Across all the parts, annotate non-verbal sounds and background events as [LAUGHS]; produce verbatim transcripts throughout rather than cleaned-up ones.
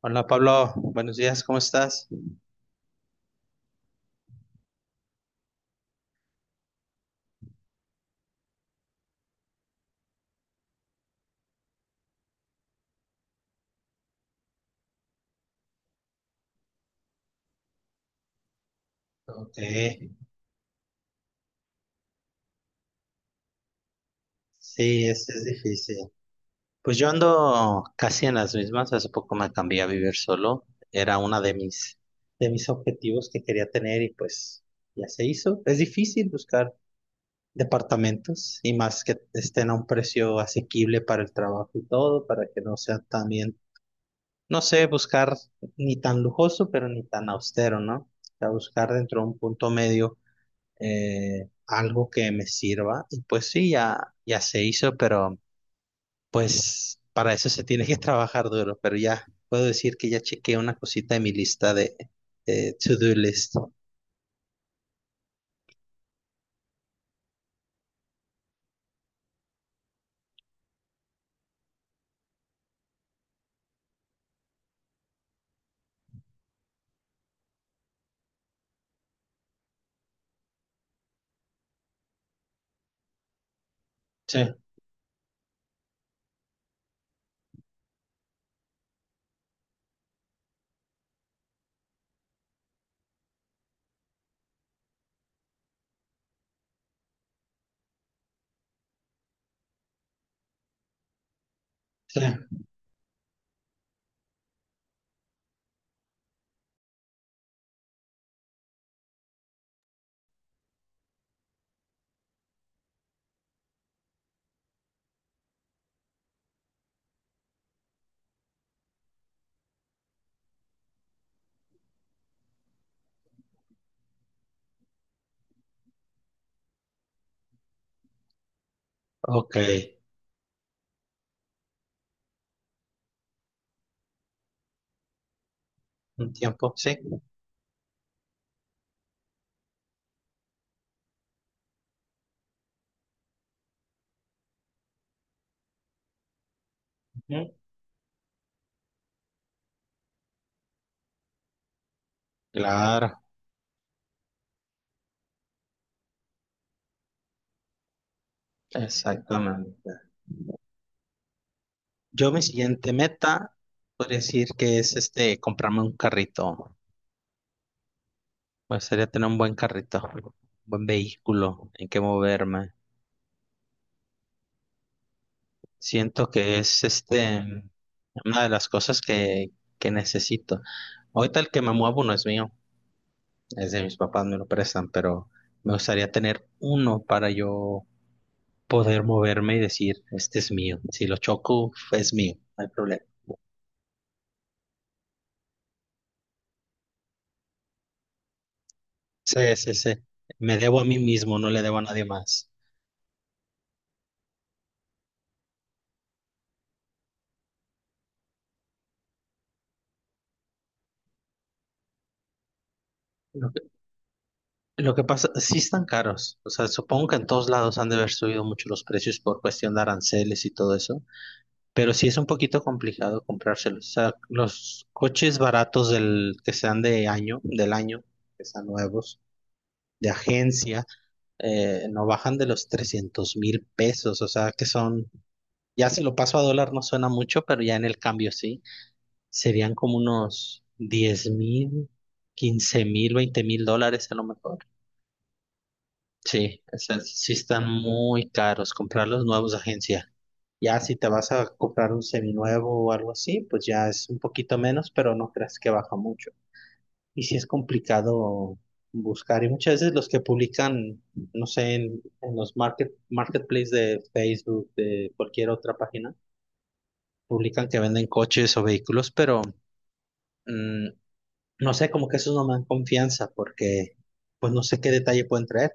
Hola Pablo, buenos días, ¿cómo estás? Ok, sí, es, es difícil. Pues yo ando casi en las mismas, hace poco me cambié a vivir solo, era una de mis, de mis objetivos que quería tener y pues ya se hizo. Es difícil buscar departamentos y más que estén a un precio asequible para el trabajo y todo, para que no sea también no sé, buscar ni tan lujoso, pero ni tan austero, ¿no? O sea, buscar dentro de un punto medio eh, algo que me sirva. Y pues sí, ya, ya se hizo, pero pues para eso se tiene que [LAUGHS] trabajar duro. Pero ya puedo decir que ya chequeé una cosita de mi lista de, de to-do list. Sí, sí. Ok. Un tiempo, sí. Ujú. Claro, exactamente. Yo mi siguiente meta, podría decir que es este, comprarme un carrito. Me gustaría tener un buen carrito, un buen vehículo en que moverme. Siento que es este una de las cosas que, que necesito. Ahorita el que me muevo no es mío, es de mis papás, me lo prestan, pero me gustaría tener uno para yo poder moverme y decir, este es mío. Si lo choco, es mío, no hay problema. Sí, sí, sí. Me debo a mí mismo, no le debo a nadie más. Lo que pasa, sí están caros. O sea, supongo que en todos lados han de haber subido mucho los precios por cuestión de aranceles y todo eso. Pero sí es un poquito complicado comprárselos. O sea, los coches baratos del, que sean de año, del año, que sean nuevos, de agencia, eh, no bajan de los trescientos mil pesos. O sea, que son, ya si lo paso a dólar no suena mucho, pero ya en el cambio sí. Serían como unos diez mil, quince mil, veinte mil dólares a lo mejor. Sí, o sea, sí están muy caros comprar los nuevos de agencia. Ya si te vas a comprar un seminuevo o algo así, pues ya es un poquito menos, pero no creas que baja mucho. Y sí es complicado buscar. Y muchas veces los que publican, no sé, en, en los market, marketplace de Facebook, de cualquier otra página, publican que venden coches o vehículos, pero mm, no sé, como que eso no me dan confianza porque pues no sé qué detalle pueden traer.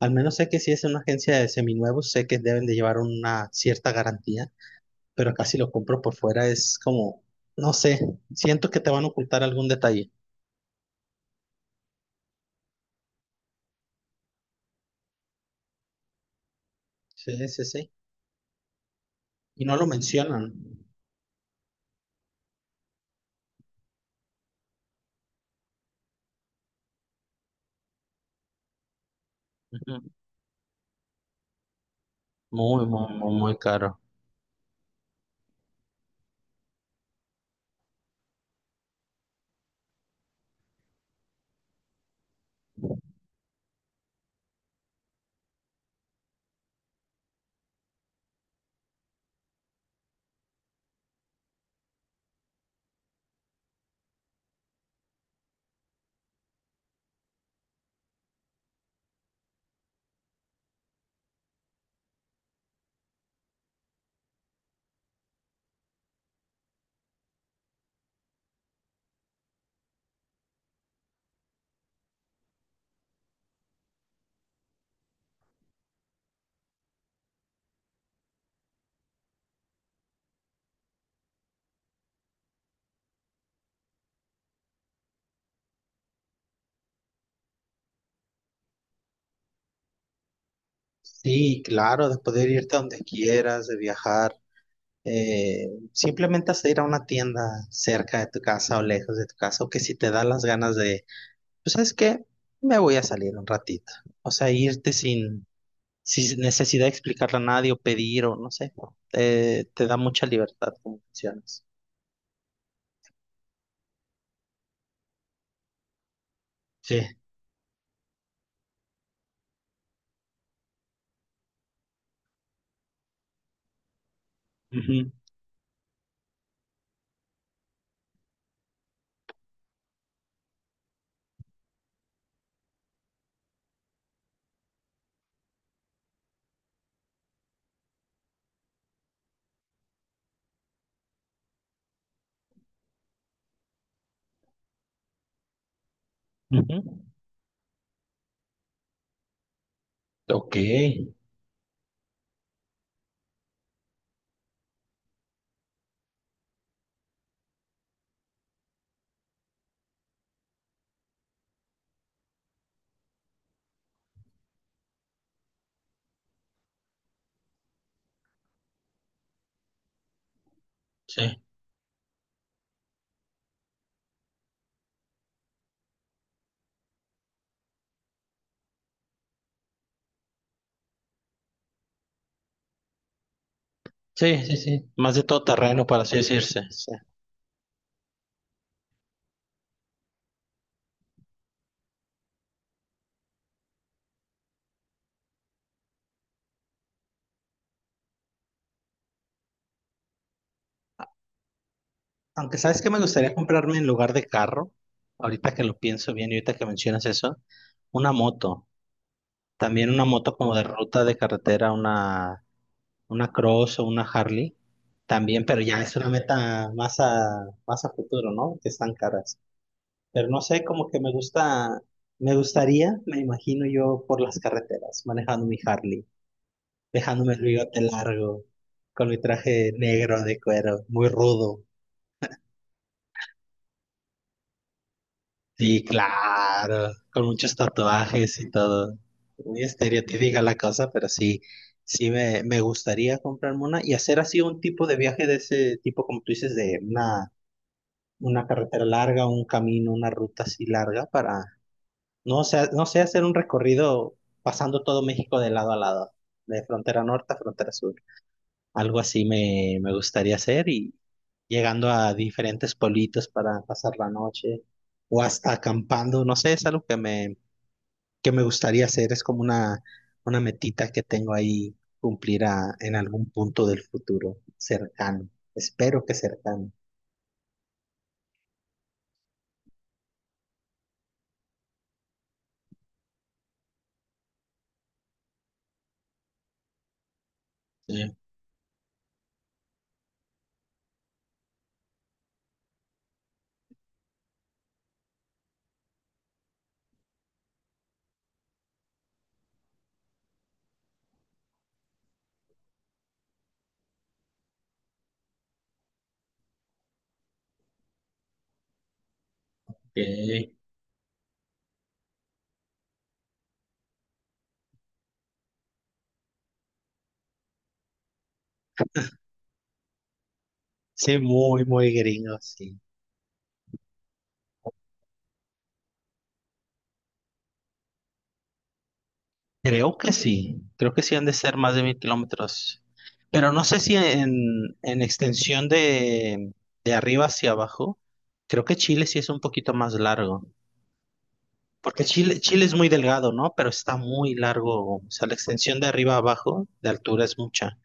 Al menos sé que si es una agencia de seminuevos, sé que deben de llevar una cierta garantía, pero acá si lo compro por fuera es como, no sé, siento que te van a ocultar algún detalle. Sí, sí, sí. Y no lo mencionan. Ujú. Muy, muy, muy, muy caro. Sí, claro, de poder irte a donde quieras, de viajar, eh, simplemente hasta ir a una tienda cerca de tu casa o lejos de tu casa, o que si te da las ganas de pues sabes qué, me voy a salir un ratito. O sea, irte sin, sin necesidad de explicarle a nadie o pedir o no sé, te, te da mucha libertad como funcionas. Sí. Ujú, ujú. Ok. Sí. Sí, sí, sí. Más de todo terreno, para así decirse. Sí. Aunque sabes que me gustaría comprarme en lugar de carro, ahorita que lo pienso bien y ahorita que mencionas eso, una moto. También una moto como de ruta de carretera, una una Cross o una Harley también, pero ya es una meta más a, más a futuro, ¿no? Que están caras. Pero no sé, como que me gusta, me gustaría, me imagino yo por las carreteras, manejando mi Harley, dejándome el bigote largo, con mi traje negro de cuero, muy rudo. Sí, claro, con muchos tatuajes y todo. Muy estereotípica la cosa, pero sí, sí me, me gustaría comprarme una y hacer así un tipo de viaje de ese tipo, como tú dices, de una una carretera larga, un camino, una ruta así larga para, no sé, no sé, hacer un recorrido pasando todo México de lado a lado, de frontera norte a frontera sur. Algo así me, me gustaría hacer y llegando a diferentes pueblitos para pasar la noche o hasta acampando, no sé, es algo que me, que me gustaría hacer, es como una, una metita que tengo ahí cumplir a- en algún punto del futuro cercano, espero que cercano. Sí, Ok. Sí, muy, muy gringo, sí. Creo que sí, creo que sí han de ser más de mil kilómetros. Pero no sé si en, en extensión de, de arriba hacia abajo, creo que Chile sí es un poquito más largo. Porque Chile, Chile es muy delgado, ¿no? Pero está muy largo. O sea, la extensión de arriba a abajo de altura es mucha.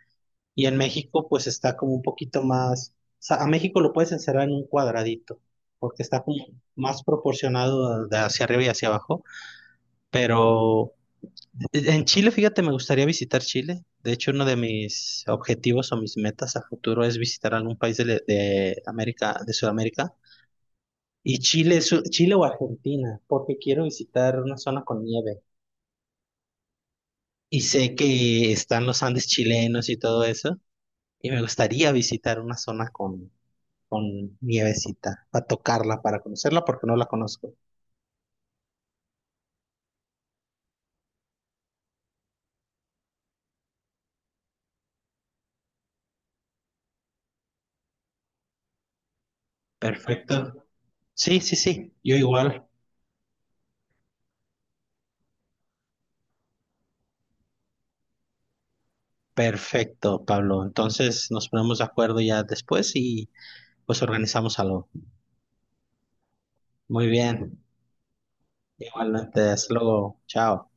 Y en México, pues está como un poquito más. O sea, a México lo puedes encerrar en un cuadradito, porque está como más proporcionado de hacia arriba y hacia abajo. Pero en Chile, fíjate, me gustaría visitar Chile. De hecho, uno de mis objetivos o mis metas a futuro es visitar algún país de, le- de América, de Sudamérica. Y Chile, es u- Chile o Argentina, porque quiero visitar una zona con nieve. Y sé que están los Andes chilenos y todo eso. Y me gustaría visitar una zona con, con nievecita, para tocarla, para conocerla, porque no la conozco. Perfecto. Sí, sí, sí, yo igual. Perfecto, Pablo. Entonces nos ponemos de acuerdo ya después y... Pues organizamos algo. Muy bien. Igualmente, hasta luego. Chao.